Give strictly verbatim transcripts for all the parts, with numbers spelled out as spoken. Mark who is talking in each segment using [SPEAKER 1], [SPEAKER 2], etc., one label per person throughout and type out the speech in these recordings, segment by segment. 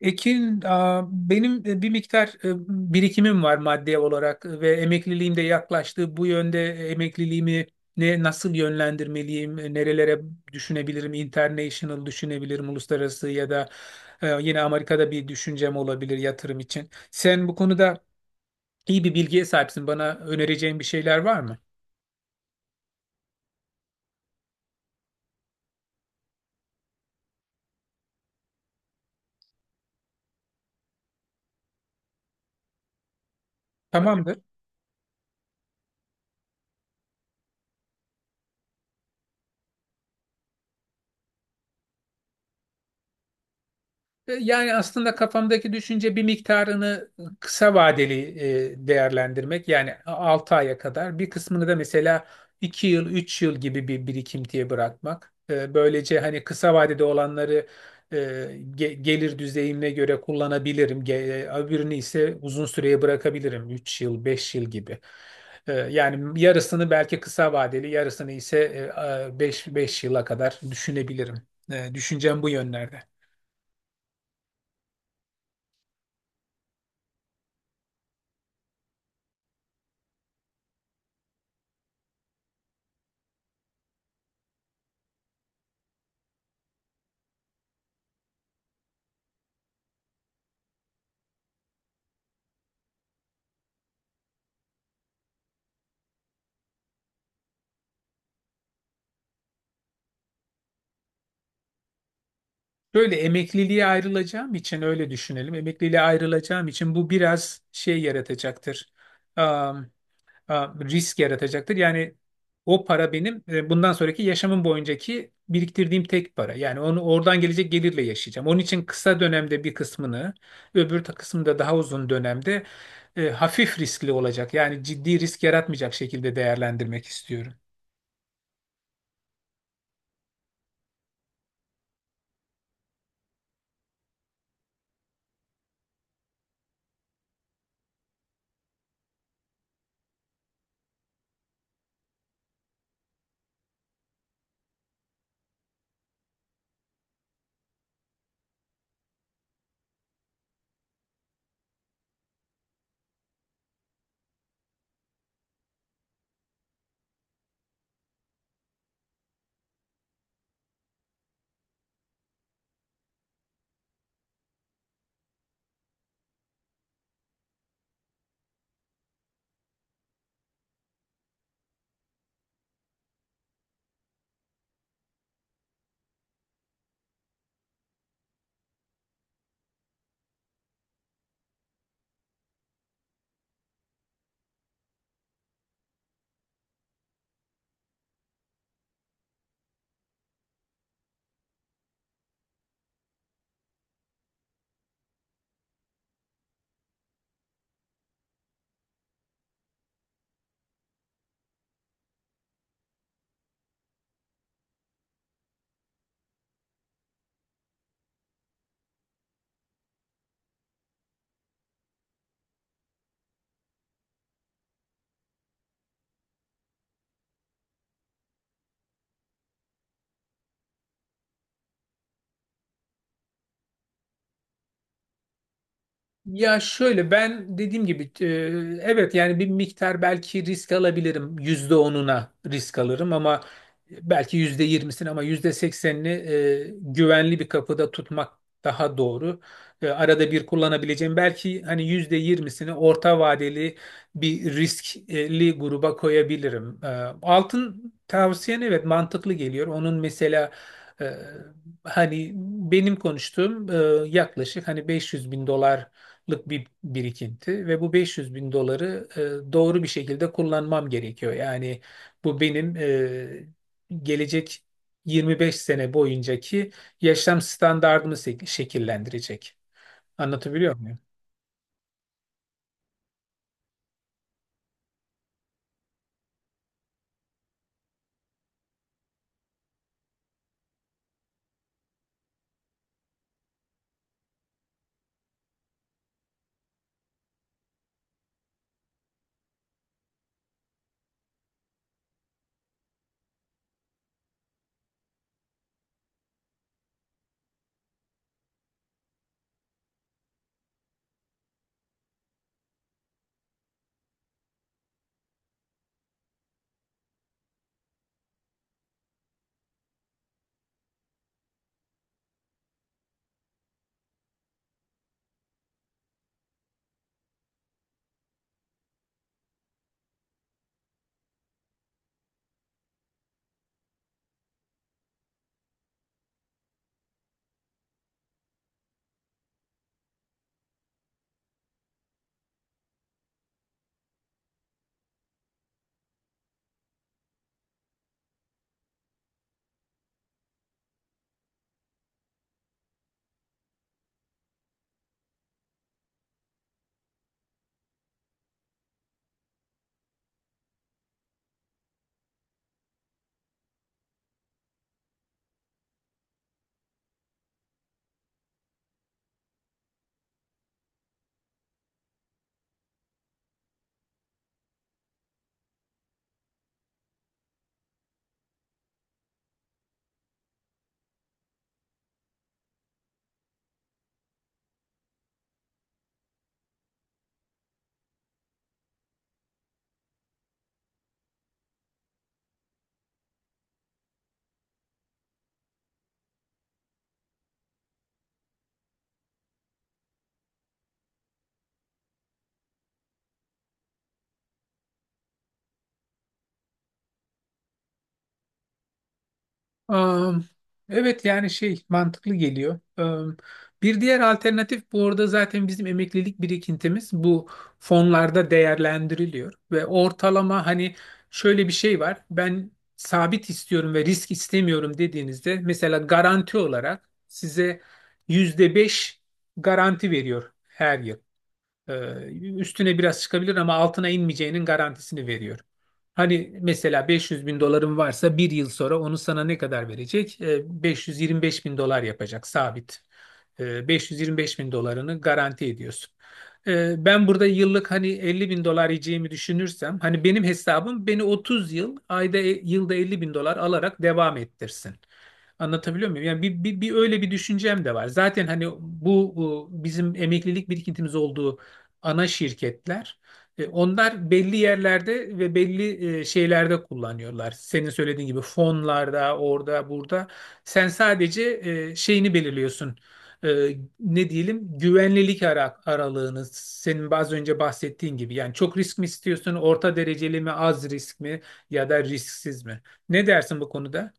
[SPEAKER 1] Ekin, aa, benim e, bir miktar e, birikimim var maddi olarak ve emekliliğim de yaklaştı. Bu yönde e, emekliliğimi ne nasıl yönlendirmeliyim, e, nerelere düşünebilirim, international düşünebilirim, uluslararası ya da e, yine Amerika'da bir düşüncem olabilir yatırım için. Sen bu konuda iyi bir bilgiye sahipsin. Bana önereceğin bir şeyler var mı? Tamamdır. E, Yani aslında kafamdaki düşünce bir miktarını kısa vadeli e, değerlendirmek. Yani altı aya kadar bir kısmını da mesela iki yıl, üç yıl gibi bir birikintiye bırakmak. E, Böylece hani kısa vadede olanları e, ge- gelir düzeyime göre kullanabilirim. Ge- e, Öbürünü ise uzun süreye bırakabilirim. Üç yıl, beş yıl gibi. E, Yani yarısını belki kısa vadeli, yarısını ise beş beş yıla kadar düşünebilirim. E, Düşüncem bu yönlerde. Böyle emekliliğe ayrılacağım için öyle düşünelim. Emekliliğe ayrılacağım için bu biraz şey yaratacaktır. Am, am, risk yaratacaktır. Yani o para benim e, bundan sonraki yaşamım boyuncaki biriktirdiğim tek para. Yani onu oradan gelecek gelirle yaşayacağım. Onun için kısa dönemde bir kısmını, öbür ta- kısmında daha uzun dönemde e, hafif riskli olacak. Yani ciddi risk yaratmayacak şekilde değerlendirmek istiyorum. Ya şöyle ben dediğim gibi e, evet yani bir miktar belki risk alabilirim. Yüzde onuna risk alırım ama belki yüzde yirmisini, ama yüzde seksenini e, güvenli bir kapıda tutmak daha doğru. E, arada bir kullanabileceğim belki hani yüzde yirmisini orta vadeli bir riskli gruba koyabilirim. E, altın tavsiyen evet mantıklı geliyor. Onun mesela e, hani benim konuştuğum e, yaklaşık hani beş yüz bin dolar bir birikinti ve bu beş yüz bin doları e, doğru bir şekilde kullanmam gerekiyor. Yani bu benim e, gelecek yirmi beş sene boyuncaki yaşam standardımı şek- şekillendirecek. Anlatabiliyor muyum? Am, Evet yani şey mantıklı geliyor. Am, Bir diğer alternatif, bu arada zaten bizim emeklilik birikintimiz bu fonlarda değerlendiriliyor ve ortalama hani şöyle bir şey var. Ben sabit istiyorum ve risk istemiyorum dediğinizde mesela garanti olarak size yüzde beş garanti veriyor her yıl. Ee, Üstüne biraz çıkabilir ama altına inmeyeceğinin garantisini veriyor. Hani mesela beş yüz bin doların varsa bir yıl sonra onu sana ne kadar verecek? Ee, beş yüz yirmi beş bin dolar yapacak sabit. Ee, beş yüz yirmi beş bin dolarını garanti ediyorsun. Ee, ben burada yıllık hani elli bin dolar yiyeceğimi düşünürsem hani benim hesabım beni otuz yıl ayda e, yılda elli bin dolar alarak devam ettirsin. Anlatabiliyor muyum? Yani bir, bir, bir öyle bir düşüncem de var. Zaten hani bu, bu bizim emeklilik birikintimiz olduğu ana şirketler. E, Onlar belli yerlerde ve belli e, şeylerde kullanıyorlar. Senin söylediğin gibi fonlarda, orada, burada. Sen sadece e, şeyini belirliyorsun. E, Ne diyelim, güvenlilik ara- aralığını senin az önce bahsettiğin gibi, yani çok risk mi istiyorsun, orta dereceli mi, az risk mi ya da risksiz mi, ne dersin bu konuda?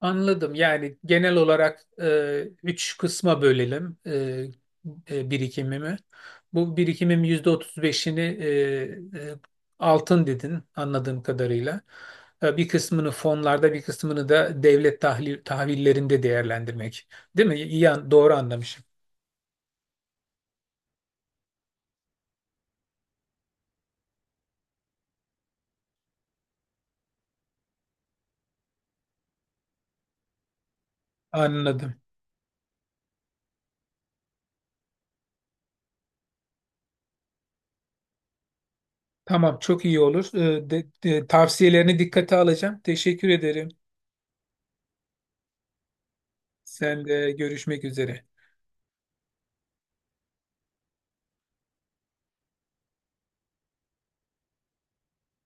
[SPEAKER 1] Anladım. Yani genel olarak e, üç kısma bölelim e, e, birikimimi. Bu birikimim yüzde otuz beşini e, e, altın dedin anladığım kadarıyla. E, bir kısmını fonlarda, bir kısmını da devlet tahvil, tahvillerinde değerlendirmek. Değil mi? İyi, an- doğru anlamışım. Anladım. Tamam, çok iyi olur. E, de- de- tavsiyelerini dikkate alacağım. Teşekkür ederim. Sen de, görüşmek üzere.